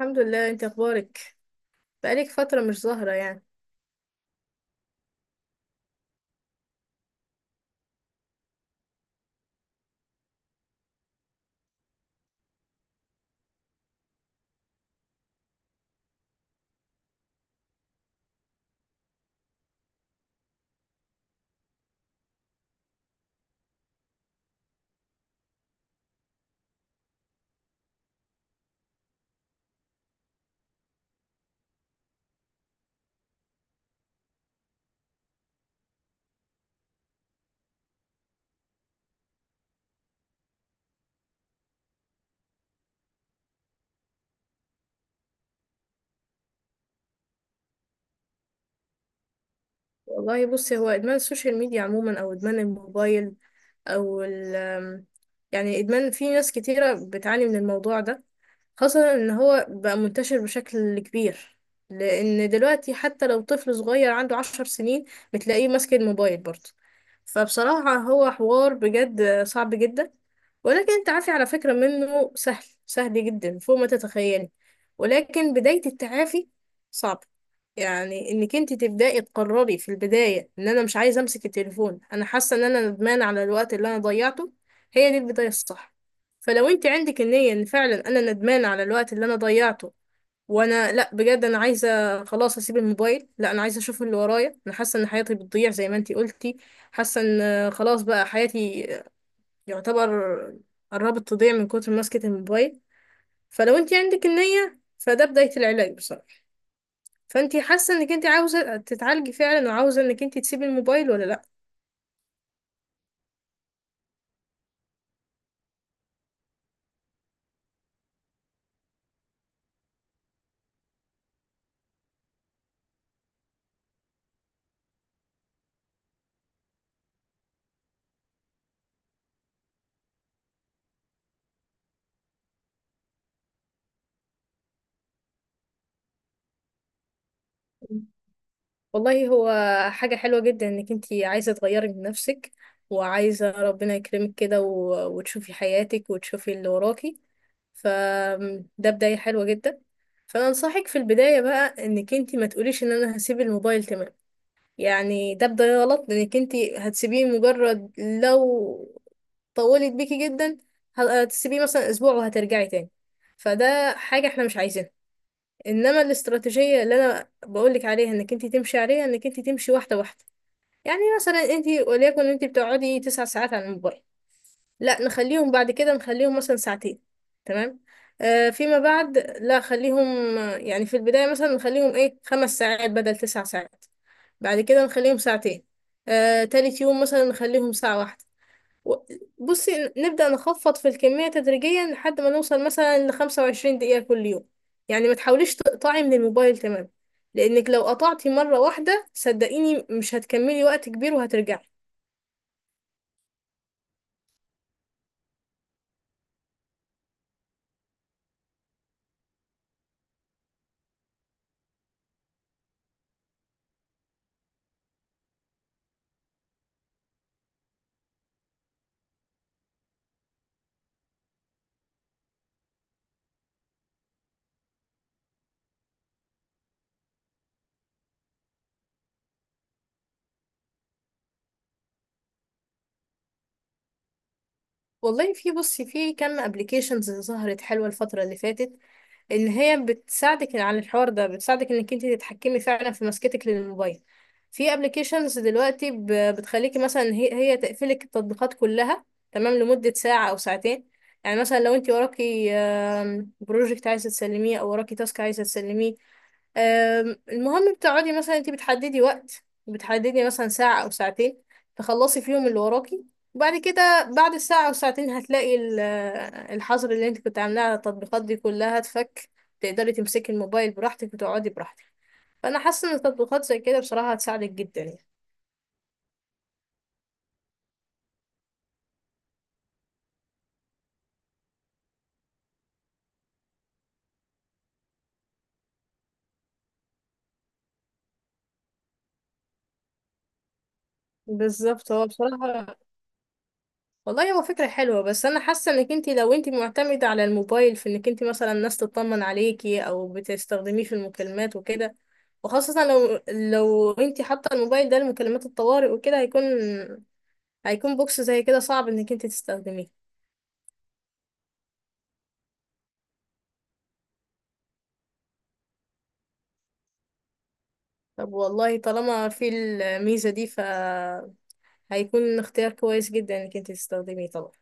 الحمد لله. انت اخبارك؟ بقالك فترة مش ظاهرة يعني. والله بصي، هو ادمان السوشيال ميديا عموما او ادمان الموبايل او يعني ادمان، في ناس كتيرة بتعاني من الموضوع ده، خاصة ان هو بقى منتشر بشكل كبير. لان دلوقتي حتى لو طفل صغير عنده 10 سنين، بتلاقيه ماسك الموبايل برضه. فبصراحة هو حوار بجد صعب جدا، ولكن التعافي على فكرة منه سهل سهل جدا فوق ما تتخيلي. ولكن بداية التعافي صعبة. يعني انك انت تبدأي تقرري في البداية ان انا مش عايزة امسك التليفون، انا حاسة ان انا ندمان على الوقت اللي انا ضيعته. هي دي البداية الصح. فلو انت عندك النية ان فعلا انا ندمانة على الوقت اللي انا ضيعته، وانا لا بجد انا عايزة خلاص اسيب الموبايل، لا انا عايزة اشوف اللي ورايا، انا حاسة ان حياتي بتضيع زي ما انتي قلتي، حاسة ان خلاص بقى حياتي، يعتبر قربت تضيع من كتر ماسكة الموبايل. فلو انت عندك النية فده بداية العلاج بصراحة. فانت حاسة انك انت عاوزة تتعالجي فعلا وعاوزة انك انت تسيبي الموبايل ولا لا؟ والله هو حاجة حلوة جدا انك انتي عايزة تغيري من نفسك، وعايزة ربنا يكرمك كده و- وتشوفي حياتك وتشوفي اللي وراكي. فده بداية حلوة جدا. فانا انصحك في البداية بقى، انك انتي ما تقوليش ان انا هسيب الموبايل تمام، يعني ده بداية غلط، لانك انتي هتسيبيه مجرد لو طولت بيكي جدا، هتسيبيه مثلا اسبوع وهترجعي تاني. فده حاجة احنا مش عايزينها. انما الاستراتيجيه اللي انا بقولك عليها انك انت تمشي عليها، انك انت تمشي واحده واحده. يعني مثلا انت وليكن انت بتقعدي 9 ساعات على الموبايل، لا نخليهم بعد كده نخليهم مثلا ساعتين، تمام؟ آه فيما بعد، لا خليهم، يعني في البدايه مثلا نخليهم ايه، 5 ساعات بدل 9 ساعات، بعد كده نخليهم ساعتين، آه تالت يوم مثلا نخليهم ساعه واحده، و- بصي نبدأ نخفض في الكمية تدريجيا لحد ما نوصل مثلا لخمسة وعشرين دقيقة كل يوم. يعني ما تحاوليش تقطعي من الموبايل تمام، لأنك لو قطعتي مرة واحدة صدقيني مش هتكملي وقت كبير وهترجعي. والله في، بصي، في كم ابلكيشنز ظهرت حلوة الفترة اللي فاتت، ان هي بتساعدك على الحوار ده، بتساعدك انك انت تتحكمي فعلا في مسكتك للموبايل. في ابلكيشنز دلوقتي بتخليكي مثلا هي تقفلك التطبيقات كلها، تمام، لمدة ساعة او ساعتين. يعني مثلا لو انت وراكي بروجكت عايزة تسلميه او وراكي تاسك عايزة تسلميه، المهم بتقعدي مثلا انت بتحددي وقت، بتحددي مثلا ساعة أو ساعتين، تخلصي فيهم اللي وراكي. وبعد كده بعد الساعة أو ساعتين، هتلاقي الحظر اللي انت كنت عاملاه على التطبيقات دي كلها اتفك، تقدري تمسكي الموبايل براحتك وتقعدي براحتك. فأنا حاسة إن التطبيقات زي كده بصراحة هتساعدك جدا يعني. بالظبط، هو بصراحة، والله هو فكرة حلوة، بس أنا حاسة إنك أنت لو أنت معتمدة على الموبايل في إنك أنت مثلا الناس تطمن عليكي أو بتستخدميه في المكالمات وكده، وخاصة لو أنت حاطة الموبايل ده لمكالمات الطوارئ وكده، هيكون بوكس زي كده صعب إنك أنت تستخدميه. طب والله طالما في الميزة دي، ف هيكون اختيار كويس جدا إنك أنت تستخدميه طبعا.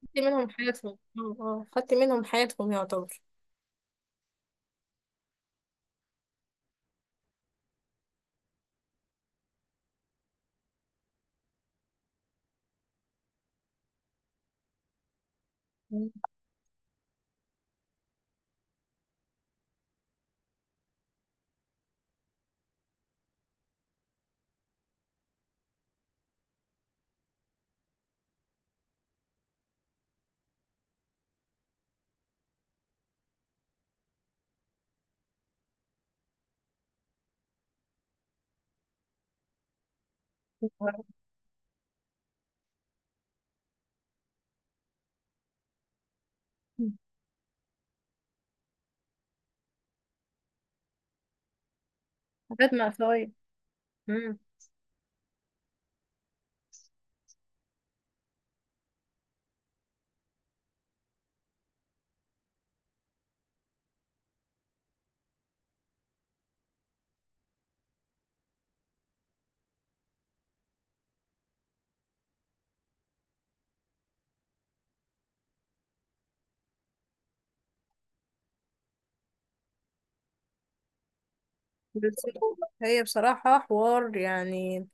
خدتي منهم حياتهم، اه، خدتي منهم حياتهم يعتبر. مم. حاجات مأساوية. بس هي بصراحة حوار يعني،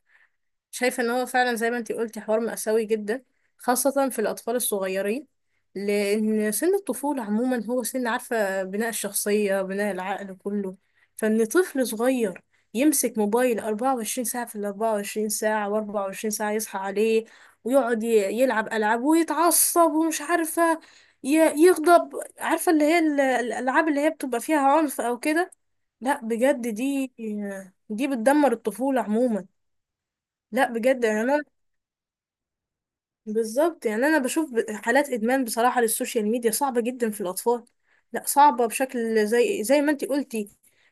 شايفة ان هو فعلا زي ما انتي قلتي حوار مأساوي جدا، خاصة في الأطفال الصغيرين. لأن سن الطفولة عموما هو سن عارفة بناء الشخصية، بناء العقل كله. فإن طفل صغير يمسك موبايل 24 ساعة في ال 24 ساعة، و24 ساعة يصحى عليه ويقعد يلعب ألعاب ويتعصب ومش عارفة يغضب، عارفة اللي هي الألعاب اللي هي بتبقى فيها عنف أو كده. لا بجد، دي بتدمر الطفولة عموما. لا بجد يعني انا، بالظبط يعني انا بشوف حالات ادمان بصراحه للسوشيال ميديا صعبه جدا في الاطفال، لا صعبه بشكل زي ما انتي قلتي.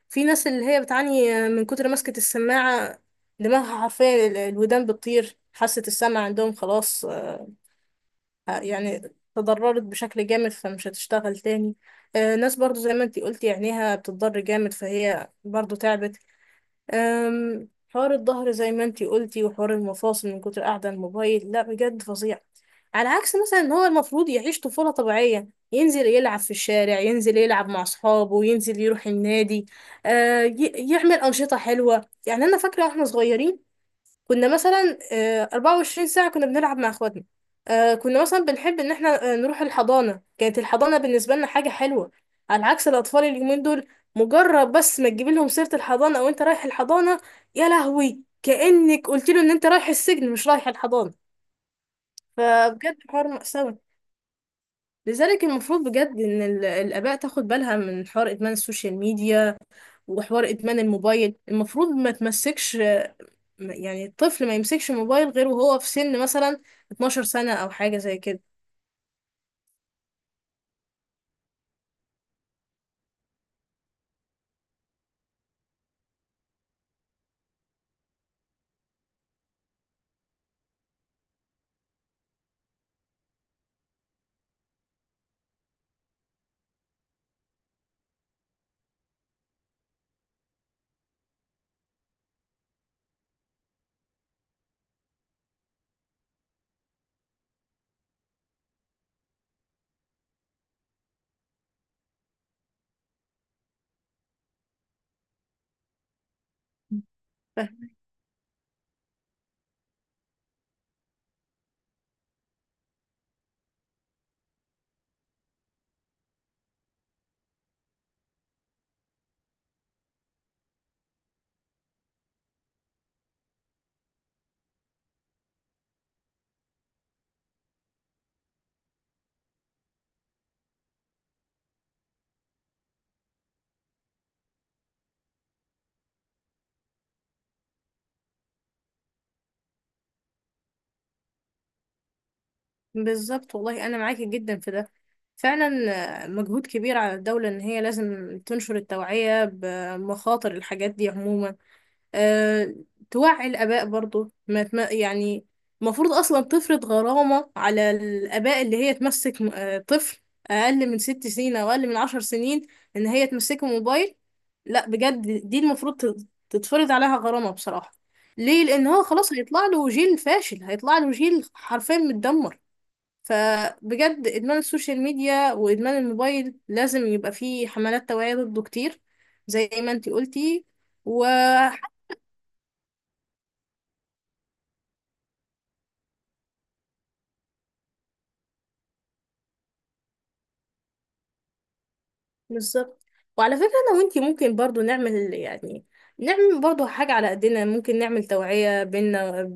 في ناس اللي هي بتعاني من كتر ماسكه السماعه، دماغها حرفيا الودان بتطير، حاسه السمع عندهم خلاص، يعني تضررت بشكل جامد فمش هتشتغل تاني. ناس برضو زي ما انتي قلتي عينيها بتضر جامد فهي برضو تعبت. حوار الظهر زي ما انتي قلتي، وحوار المفاصل من كتر قاعدة على الموبايل، لا بجد فظيع. على عكس مثلا ان هو المفروض يعيش طفولة طبيعية، ينزل يلعب في الشارع، ينزل يلعب مع اصحابه، ينزل يروح النادي، آه يعمل أنشطة حلوة. يعني انا فاكرة واحنا صغيرين كنا مثلا 24 ساعة كنا بنلعب مع اخواتنا، كنا مثلا بنحب ان احنا نروح الحضانة. كانت الحضانة بالنسبة لنا حاجة حلوة، على عكس الاطفال اليومين دول، مجرد بس ما تجيب لهم سيرة الحضانة او انت رايح الحضانة، يا لهوي كأنك قلت له ان انت رايح السجن مش رايح الحضانة. فبجد حوار مأساوي. لذلك المفروض بجد ان الاباء تاخد بالها من حوار ادمان السوشيال ميديا وحوار ادمان الموبايل. المفروض ما تمسكش، يعني الطفل ما يمسكش موبايل غير وهو في سن مثلا 12 سنة أو حاجة زي كده. فاهم. بالظبط، والله أنا معاكي جدا في ده فعلا. مجهود كبير على الدولة إن هي لازم تنشر التوعية بمخاطر الحاجات دي عموما. أه، توعي الآباء برضو، ما تم... يعني المفروض أصلا تفرض غرامة على الآباء، اللي هي تمسك م- أه طفل أقل من 6 سنين أو أقل من 10 سنين، إن هي تمسكه موبايل. لا بجد، دي المفروض تتفرض عليها غرامة بصراحة. ليه؟ لأن هو خلاص هيطلع له جيل فاشل، هيطلع له جيل حرفيا متدمر. فبجد إدمان السوشيال ميديا وإدمان الموبايل لازم يبقى فيه حملات توعية ضده كتير زي ما انتي قلتي. و بالظبط. وعلى فكرة أنا وأنتي ممكن برضو نعمل، يعني نعمل برضو حاجة على قدنا، ممكن نعمل توعية بينا،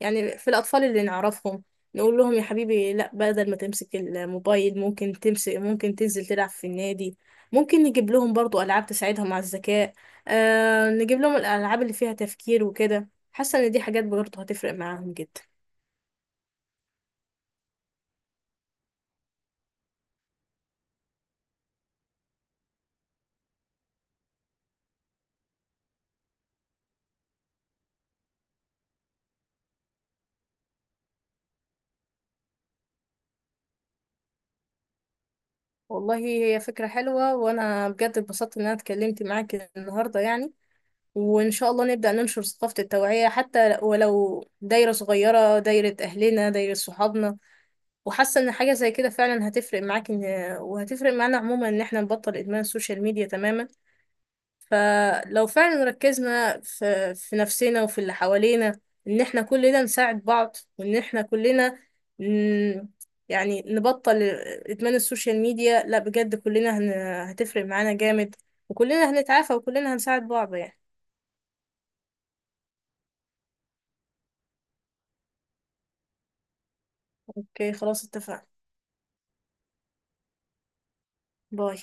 يعني في الأطفال اللي نعرفهم، نقول لهم يا حبيبي لا، بدل ما تمسك الموبايل ممكن تمسك، ممكن تنزل تلعب في النادي، ممكن نجيب لهم برضو ألعاب تساعدهم على الذكاء، آه نجيب لهم الألعاب اللي فيها تفكير وكده. حاسة إن دي حاجات برضو هتفرق معاهم جدا. والله هي فكرة حلوة، وأنا بجد اتبسطت إن أنا اتكلمت معاك النهاردة يعني. وإن شاء الله نبدأ ننشر ثقافة التوعية حتى ولو دايرة صغيرة، دايرة أهلنا دايرة صحابنا. وحاسة إن حاجة زي كده فعلا هتفرق معاك، إن وهتفرق معانا عموما إن إحنا نبطل إدمان السوشيال ميديا تماما. فلو فعلا ركزنا في نفسنا وفي اللي حوالينا، إن إحنا كلنا نساعد بعض، وإن إحنا كلنا ن... يعني نبطل إدمان السوشيال ميديا، لا بجد كلنا هتفرق معانا جامد، وكلنا هنتعافى وكلنا هنساعد بعض يعني. اوكي خلاص اتفقنا. باي.